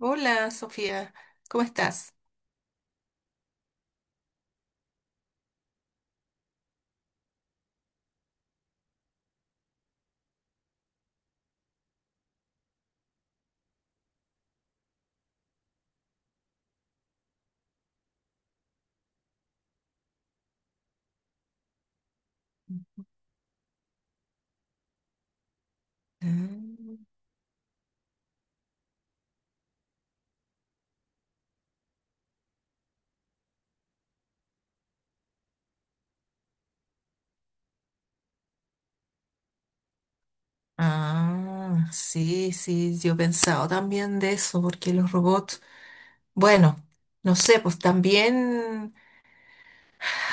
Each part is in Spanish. Hola, Sofía, ¿cómo estás? Mm. Ah, sí, sí, yo he pensado también de eso, porque los robots, bueno, no sé, pues también.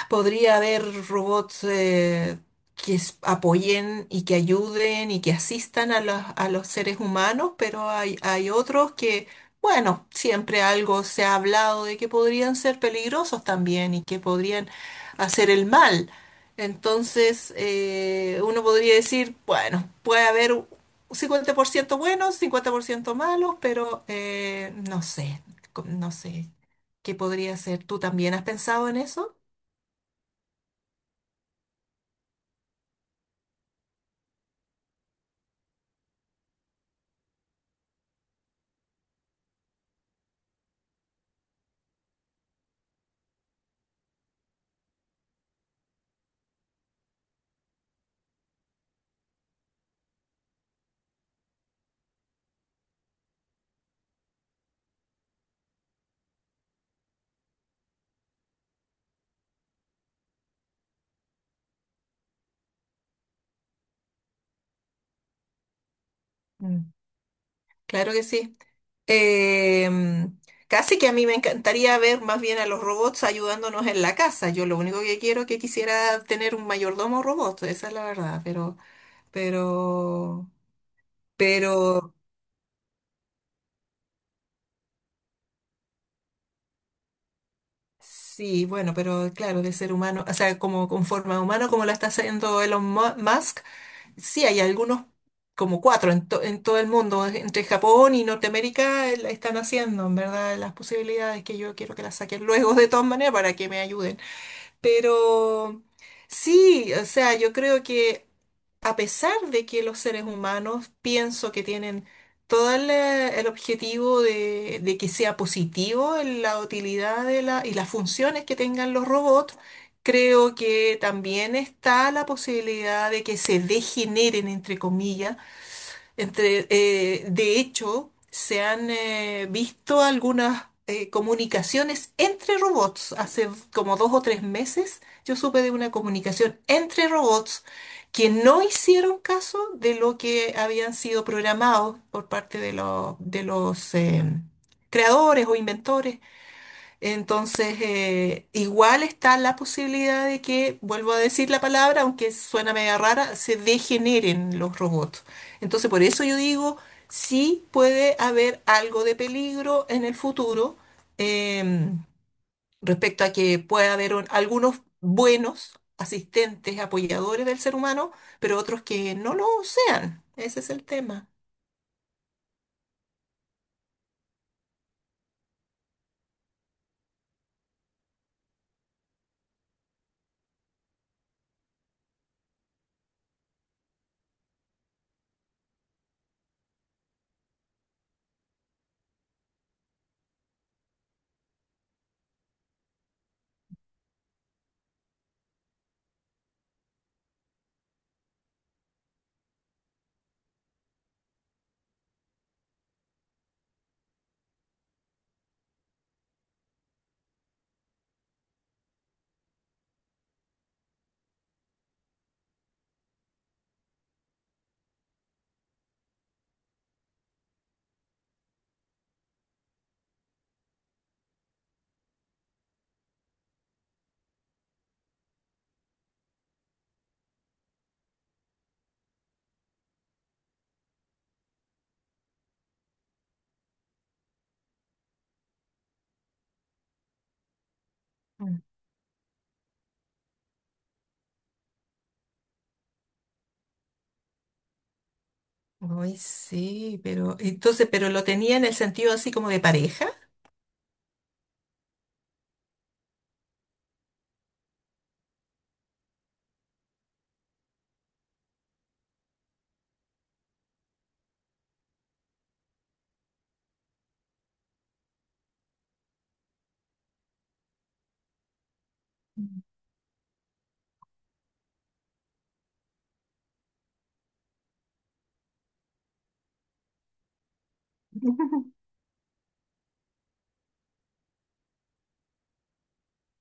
Podría haber robots, que apoyen y que ayuden y que asistan a los seres humanos, pero hay otros que, bueno, siempre algo se ha hablado de que podrían ser peligrosos también y que podrían hacer el mal. Entonces, uno podría decir, bueno, puede haber un 50% buenos, 50% malos, pero no sé, no sé qué podría ser. ¿Tú también has pensado en eso? Claro que sí. Em, Casi que a mí me encantaría ver más bien a los robots ayudándonos en la casa. Yo lo único que quiero es que quisiera tener un mayordomo robot, esa es la verdad, pero, pero, pero sí, bueno, pero claro, de ser humano, o sea, como con forma humana, como la está haciendo Elon Musk. Sí hay algunos, como cuatro en todo el mundo, entre Japón y Norteamérica. La están haciendo, en verdad. Las posibilidades que yo quiero que las saquen luego de todas maneras para que me ayuden. Pero sí, o sea, yo creo que a pesar de que los seres humanos pienso que tienen todo el objetivo de que sea positivo en la utilidad de la, y las funciones que tengan los robots, creo que también está la posibilidad de que se degeneren, entre comillas, de hecho, se han visto algunas comunicaciones entre robots. Hace como 2 o 3 meses yo supe de una comunicación entre robots que no hicieron caso de lo que habían sido programados por parte de los creadores o inventores. Entonces, igual está la posibilidad de que, vuelvo a decir la palabra, aunque suena media rara, se degeneren los robots. Entonces, por eso yo digo, sí puede haber algo de peligro en el futuro eh, respecto a que pueda haber algunos buenos asistentes, apoyadores del ser humano, pero otros que no lo sean. Ese es el tema. Mm. Ay, sí, pero entonces, pero lo tenía en el sentido así como de pareja.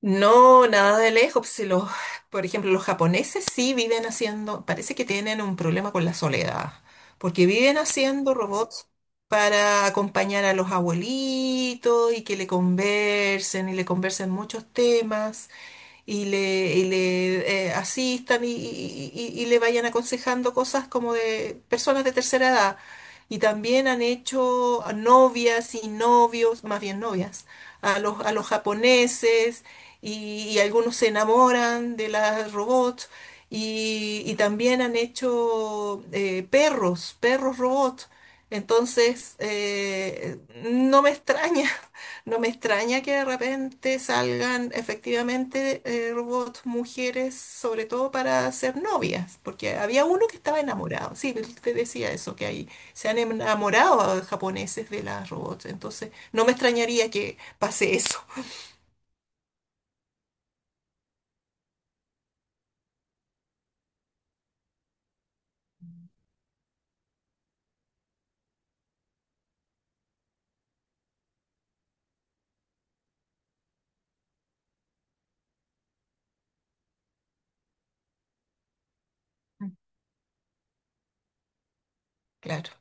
No, nada de lejos, pues. Si los, por ejemplo, los japoneses sí viven haciendo, parece que tienen un problema con la soledad, porque viven haciendo robots para acompañar a los abuelitos y que le conversen y le conversen muchos temas y le asistan y, y le vayan aconsejando cosas como de personas de tercera edad. Y también han hecho a novias y novios, más bien novias, a los japoneses y algunos se enamoran de las robots. Y también han hecho perros robots. Entonces, no me extraña. No me extraña que de repente salgan efectivamente robots mujeres, sobre todo para ser novias, porque había uno que estaba enamorado. Sí, él te decía eso, que ahí se han enamorado japoneses de las robots. Entonces, no me extrañaría que pase eso. Claro,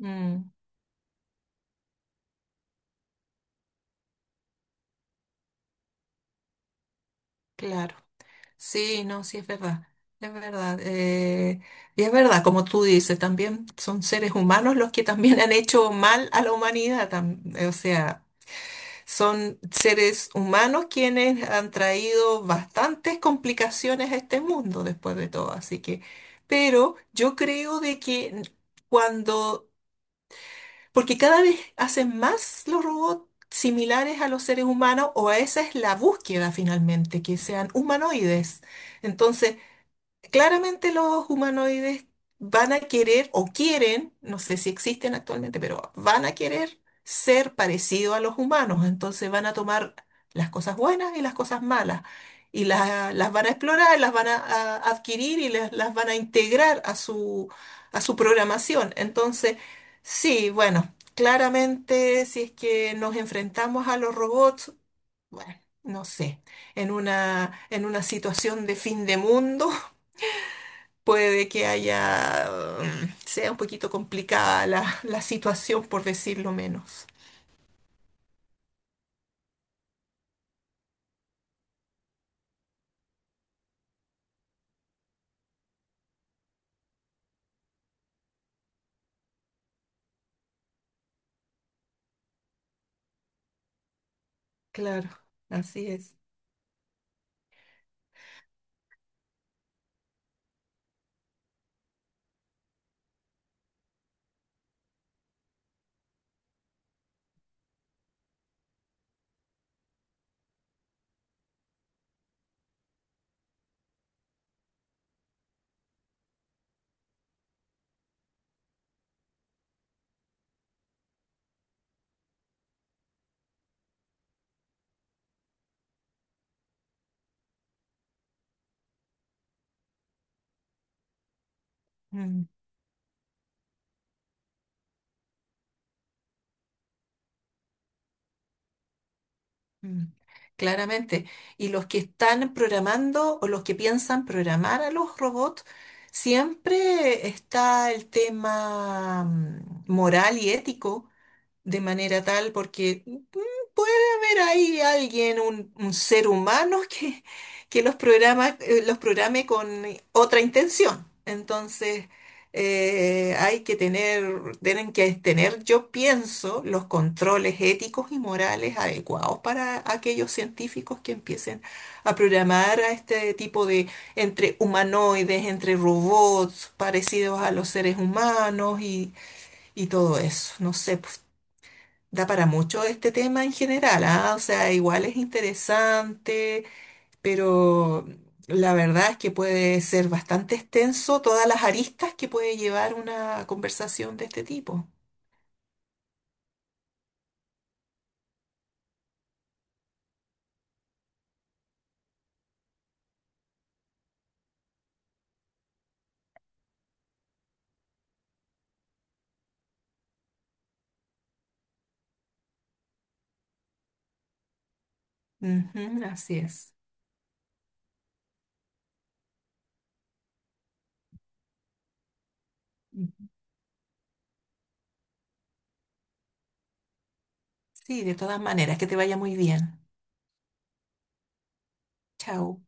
mm, claro. Sí, no, sí, es verdad. Es verdad. Y es verdad, como tú dices, también son seres humanos los que también han hecho mal a la humanidad. O sea. Son seres humanos quienes han traído bastantes complicaciones a este mundo después de todo, así que, pero yo creo de que cuando, porque cada vez hacen más los robots similares a los seres humanos, o esa es la búsqueda finalmente, que sean humanoides. Entonces, claramente los humanoides van a querer o quieren, no sé si existen actualmente, pero van a querer ser parecidos a los humanos. Entonces van a tomar las cosas buenas y las cosas malas y las van a explorar, las van a adquirir y las van a integrar a su programación. Entonces, sí, bueno, claramente si es que nos enfrentamos a los robots, bueno, no sé, en una situación de fin de mundo puede que haya, sea un poquito complicada la, la situación, por decirlo menos. Claro, así es. Mm, mm. Claramente. Y los que están programando o los que piensan programar a los robots, siempre está el tema, moral y ético, de manera tal, porque puede haber ahí alguien, un ser humano que los programe con otra intención. Entonces, tienen que tener, yo pienso, los controles éticos y morales adecuados para aquellos científicos que empiecen a programar a este tipo de entre humanoides, entre robots parecidos a los seres humanos y todo eso. No sé, da para mucho este tema en general, ¿ah? O sea, igual es interesante, pero la verdad es que puede ser bastante extenso todas las aristas que puede llevar una conversación de este tipo. Ujú, así es. Sí, de todas maneras, que te vaya muy bien. Chao.